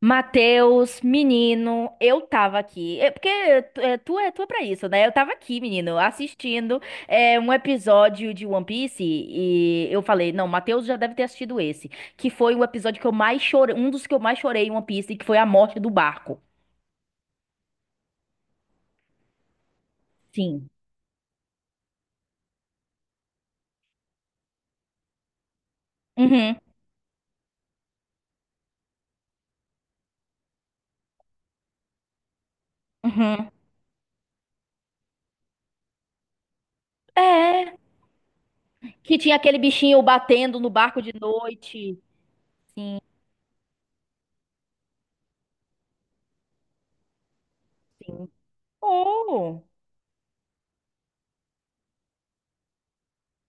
Mateus, menino, eu tava aqui. É porque tu é pra isso, né? Eu tava aqui, menino, assistindo um episódio de One Piece e eu falei, não, Mateus já deve ter assistido esse, que foi o episódio que eu mais chorei, um dos que eu mais chorei em One Piece, que foi a morte do barco. Sim. Uhum, uhum. É, que tinha aquele bichinho batendo no barco de noite. Sim. Oh.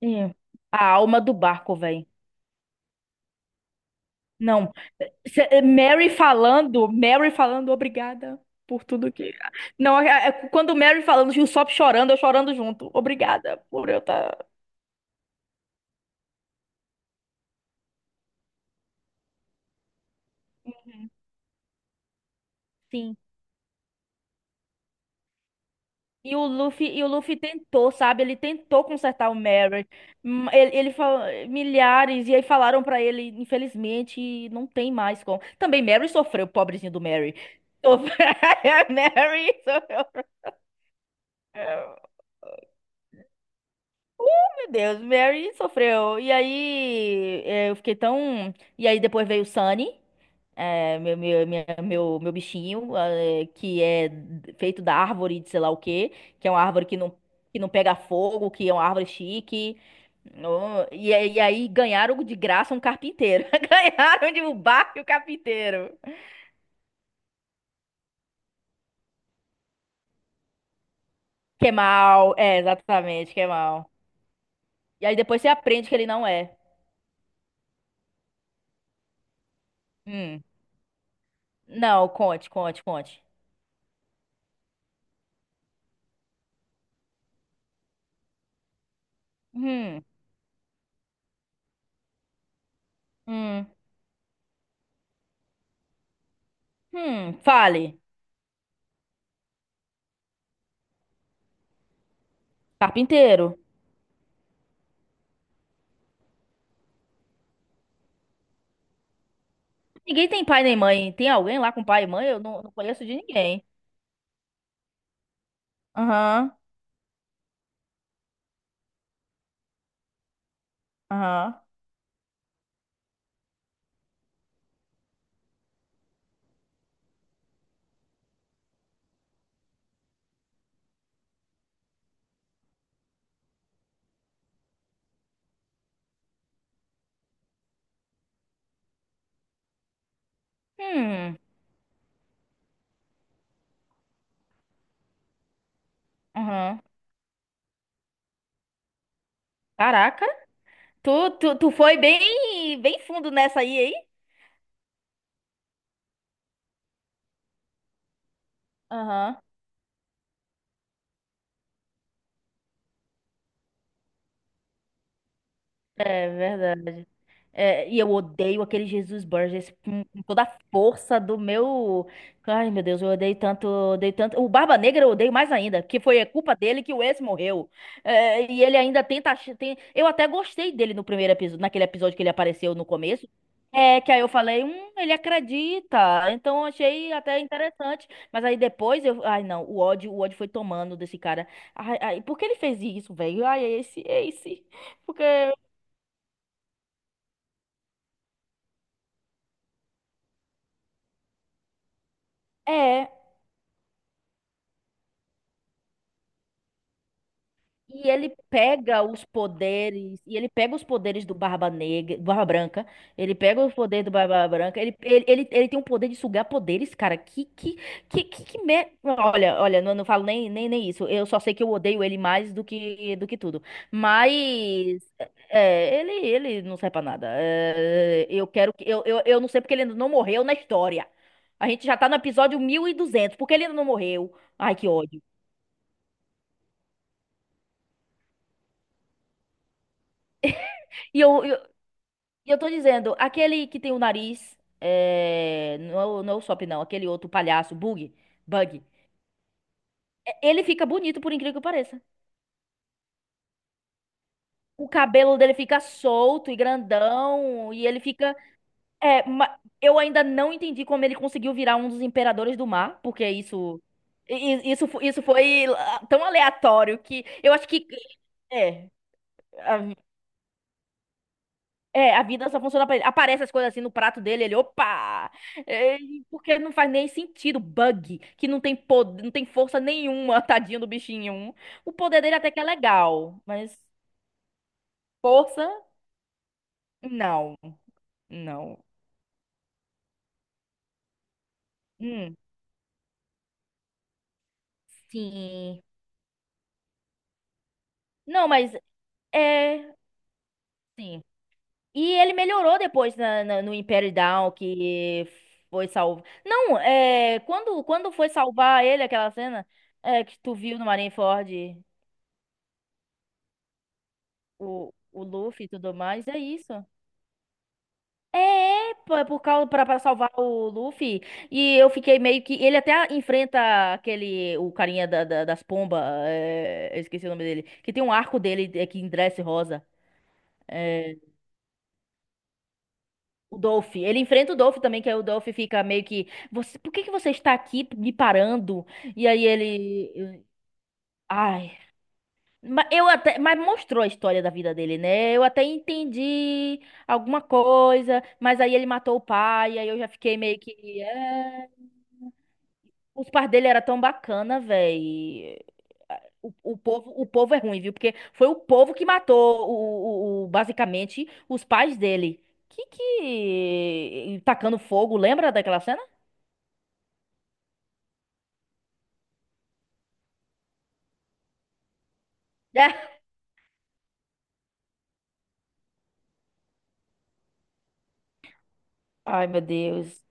É. A alma do barco, velho. Não, Mary falando, obrigada por tudo que. Não, quando Mary falando, o Usopp chorando, eu chorando junto. Obrigada por eu estar. Sim. E o Luffy tentou, sabe? Ele tentou consertar o Mary. Hum. Ele falou milhares, e aí falaram pra ele, infelizmente, não tem mais como. Também Mary sofreu, pobrezinho do Mary. Sof- Mary sofreu. Meu Deus, Mary sofreu. E aí, eu fiquei tão. E aí depois veio o Sunny. É, meu bichinho, que é feito da árvore de sei lá o quê, que é uma árvore que não pega fogo, que é uma árvore chique. Oh, e aí ganharam de graça um carpinteiro. Ganharam de um barco e o carpinteiro. Que é mal, é, exatamente, que é mal. E aí depois você aprende que ele não é. Hum. Não, conte, conte, conte. Hum, hum, fale. Carpinteiro. Ninguém tem pai nem mãe. Tem alguém lá com pai e mãe? Eu não, não conheço de ninguém. Aham, aham. Hum, aham. Caraca, tu foi bem, bem fundo nessa aí, hein? Aham. É verdade. É, e eu odeio aquele Jesus Burgess com toda a força do meu. Ai, meu Deus, eu odeio tanto, odeio tanto. O Barba Negra eu odeio mais ainda, que foi a culpa dele que o Wes morreu. É, e ele ainda tenta. Eu até gostei dele no primeiro episódio, naquele episódio que ele apareceu no começo. É, que aí eu falei, ele acredita. Então eu achei até interessante. Mas aí depois eu. Ai, não, o ódio foi tomando desse cara. Ai, ai, por que ele fez isso, velho? Ai, é esse, é esse. Porque. É. e ele pega os poderes, e ele pega os poderes do Barba Negra, do Barba Branca, ele pega os poderes do Barba Branca. Ele tem um poder de sugar poderes, cara, Olha, olha, não, não falo nem, nem isso, eu só sei que eu odeio ele mais do que tudo, mas, ele não serve pra nada. É, eu não sei porque ele ainda não morreu na história, a gente já tá no episódio 1.200 porque ele ainda não morreu, ai que ódio. E eu, E eu tô dizendo, aquele que tem o nariz, é, não, não é o Sop não, aquele outro palhaço, Bug, Bug, é, ele fica bonito por incrível que pareça. O cabelo dele fica solto e grandão, e ele fica... É, eu ainda não entendi como ele conseguiu virar um dos imperadores do mar, porque isso... Isso, isso foi tão aleatório que eu acho que... É. É, a vida só funciona pra ele. Aparece as coisas assim no prato dele, ele, opa! É, porque não faz nem sentido. Bug, que não tem poder, não tem força nenhuma, tadinho do bichinho. O poder dele até que é legal, mas força, não. Não. Hum, sim. Não, mas é. Sim. E ele melhorou depois no Império Down, que foi salvo. Não, é. Quando foi salvar ele, aquela cena que tu viu no Marineford. O Luffy e tudo mais, é isso. É, pô, é por causa pra salvar o Luffy. E eu fiquei meio que. Ele até enfrenta aquele. O carinha da, das pombas. Eu esqueci o nome dele. Que tem um arco dele é, que endurece rosa. É, o Dolph. Ele enfrenta o Dolph também, que aí o Dolph fica meio que. Você, por que que você está aqui me parando? E aí ele. Ai, Mas eu até, mas mostrou a história da vida dele, né? Eu até entendi alguma coisa, mas aí ele matou o pai, aí eu já fiquei meio que, é... os pais dele era tão bacana, velho. O, o povo é ruim, viu? Porque foi o povo que matou basicamente os pais dele. Que tacando fogo, lembra daquela cena? É. Ai, meu Deus.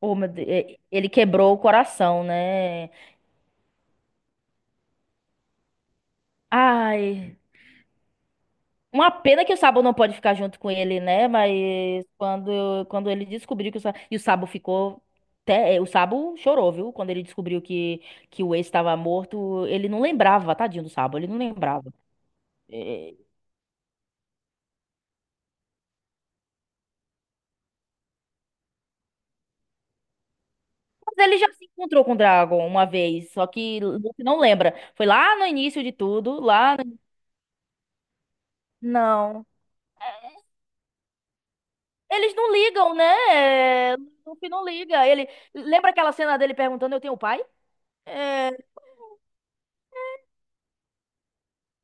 Oh, meu Deus. Ele quebrou o coração, né? Ai. Uma pena que o Sabo não pode ficar junto com ele, né? Mas quando ele descobriu que o Sabo... E o Sabo ficou... Até... é, o Sabo chorou, viu? Quando ele descobriu que o ex estava morto, ele não lembrava, tadinho do Sabo, ele não lembrava. É, mas ele já se encontrou com o Dragon uma vez, só que Luffy não lembra. Foi lá no início de tudo, lá... no- Não. Eles não ligam, né? É, Luffy não liga. Ele... Lembra aquela cena dele perguntando, eu tenho pai? É,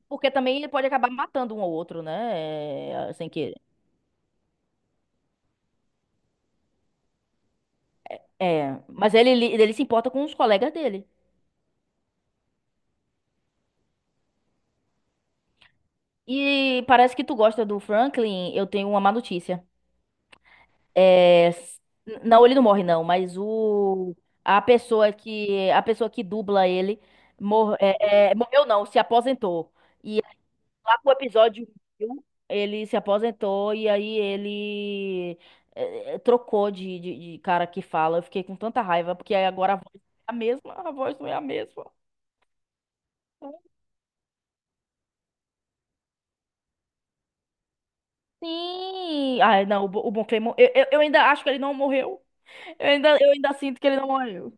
porque também ele pode acabar matando um ao outro, né? É, sem querer. É, mas ele se importa com os colegas dele. E parece que tu gosta do Franklin, eu tenho uma má notícia. É, não, ele não morre não, mas o a pessoa que dubla ele morreu não, se aposentou. E lá pro episódio 1000, ele se aposentou e aí ele trocou de cara que fala. Eu fiquei com tanta raiva, porque aí agora a voz é a mesma, a voz não é a mesma. Sim! Ai, não, o, o Bon Claymore, eu ainda acho que ele não morreu. Eu ainda sinto que ele não morreu.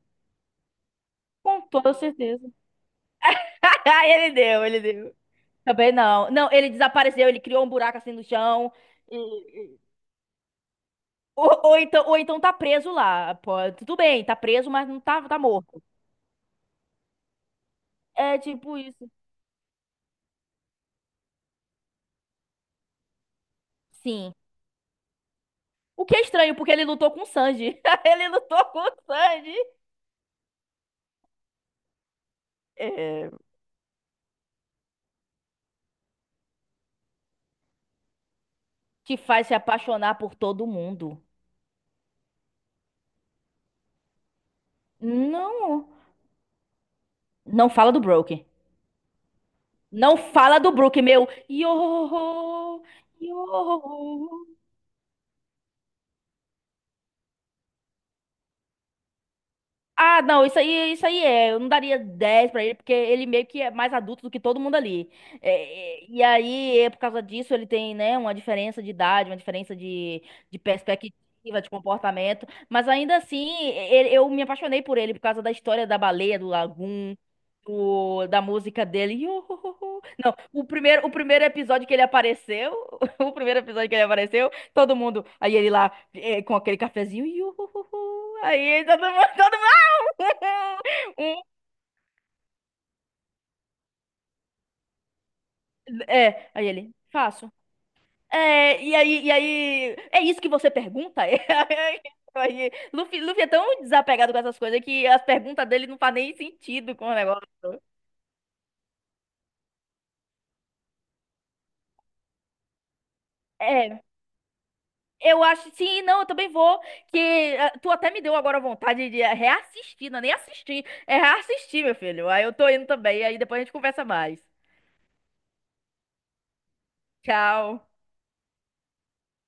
Com toda certeza. Ah, ele deu, ele deu. Também não. Não, ele desapareceu, ele criou um buraco assim no chão. e- e- Ou, ou então tá preso lá. Pô, tudo bem, tá preso, mas não tá, tá morto. É tipo isso. Sim. O que é estranho, porque ele lutou com o Sanji. Ele lutou com o Sanji. É, te faz se apaixonar por todo mundo. Não. Não fala do Brook. Não fala do Brook, meu. Yo, yo. Ah, não, isso aí é. Eu não daria 10 pra ele, porque ele meio que é mais adulto do que todo mundo ali. É, é, e aí, é por causa disso, ele tem, né, uma diferença de idade, uma diferença de perspectiva, de comportamento. Mas ainda assim, eu me apaixonei por ele por causa da história da baleia, do lagoon, do- da música dele. Iuhuhuhu. Não, o primeiro, episódio que ele apareceu, o primeiro episódio que ele apareceu, todo mundo, aí ele lá, com aquele cafezinho, iuhuhuhu. Aí todo mundo. Um, é, aí ele, faço. É, e aí, é isso que você pergunta? Aí, Luffy, Luffy é tão desapegado com essas coisas que as perguntas dele não fazem nem sentido com o negócio. É, eu acho, sim, não, eu também vou, que ah, tu até me deu agora vontade de reassistir, não é nem assistir, é reassistir, meu filho. Aí eu tô indo também, aí depois a gente conversa mais. Tchau.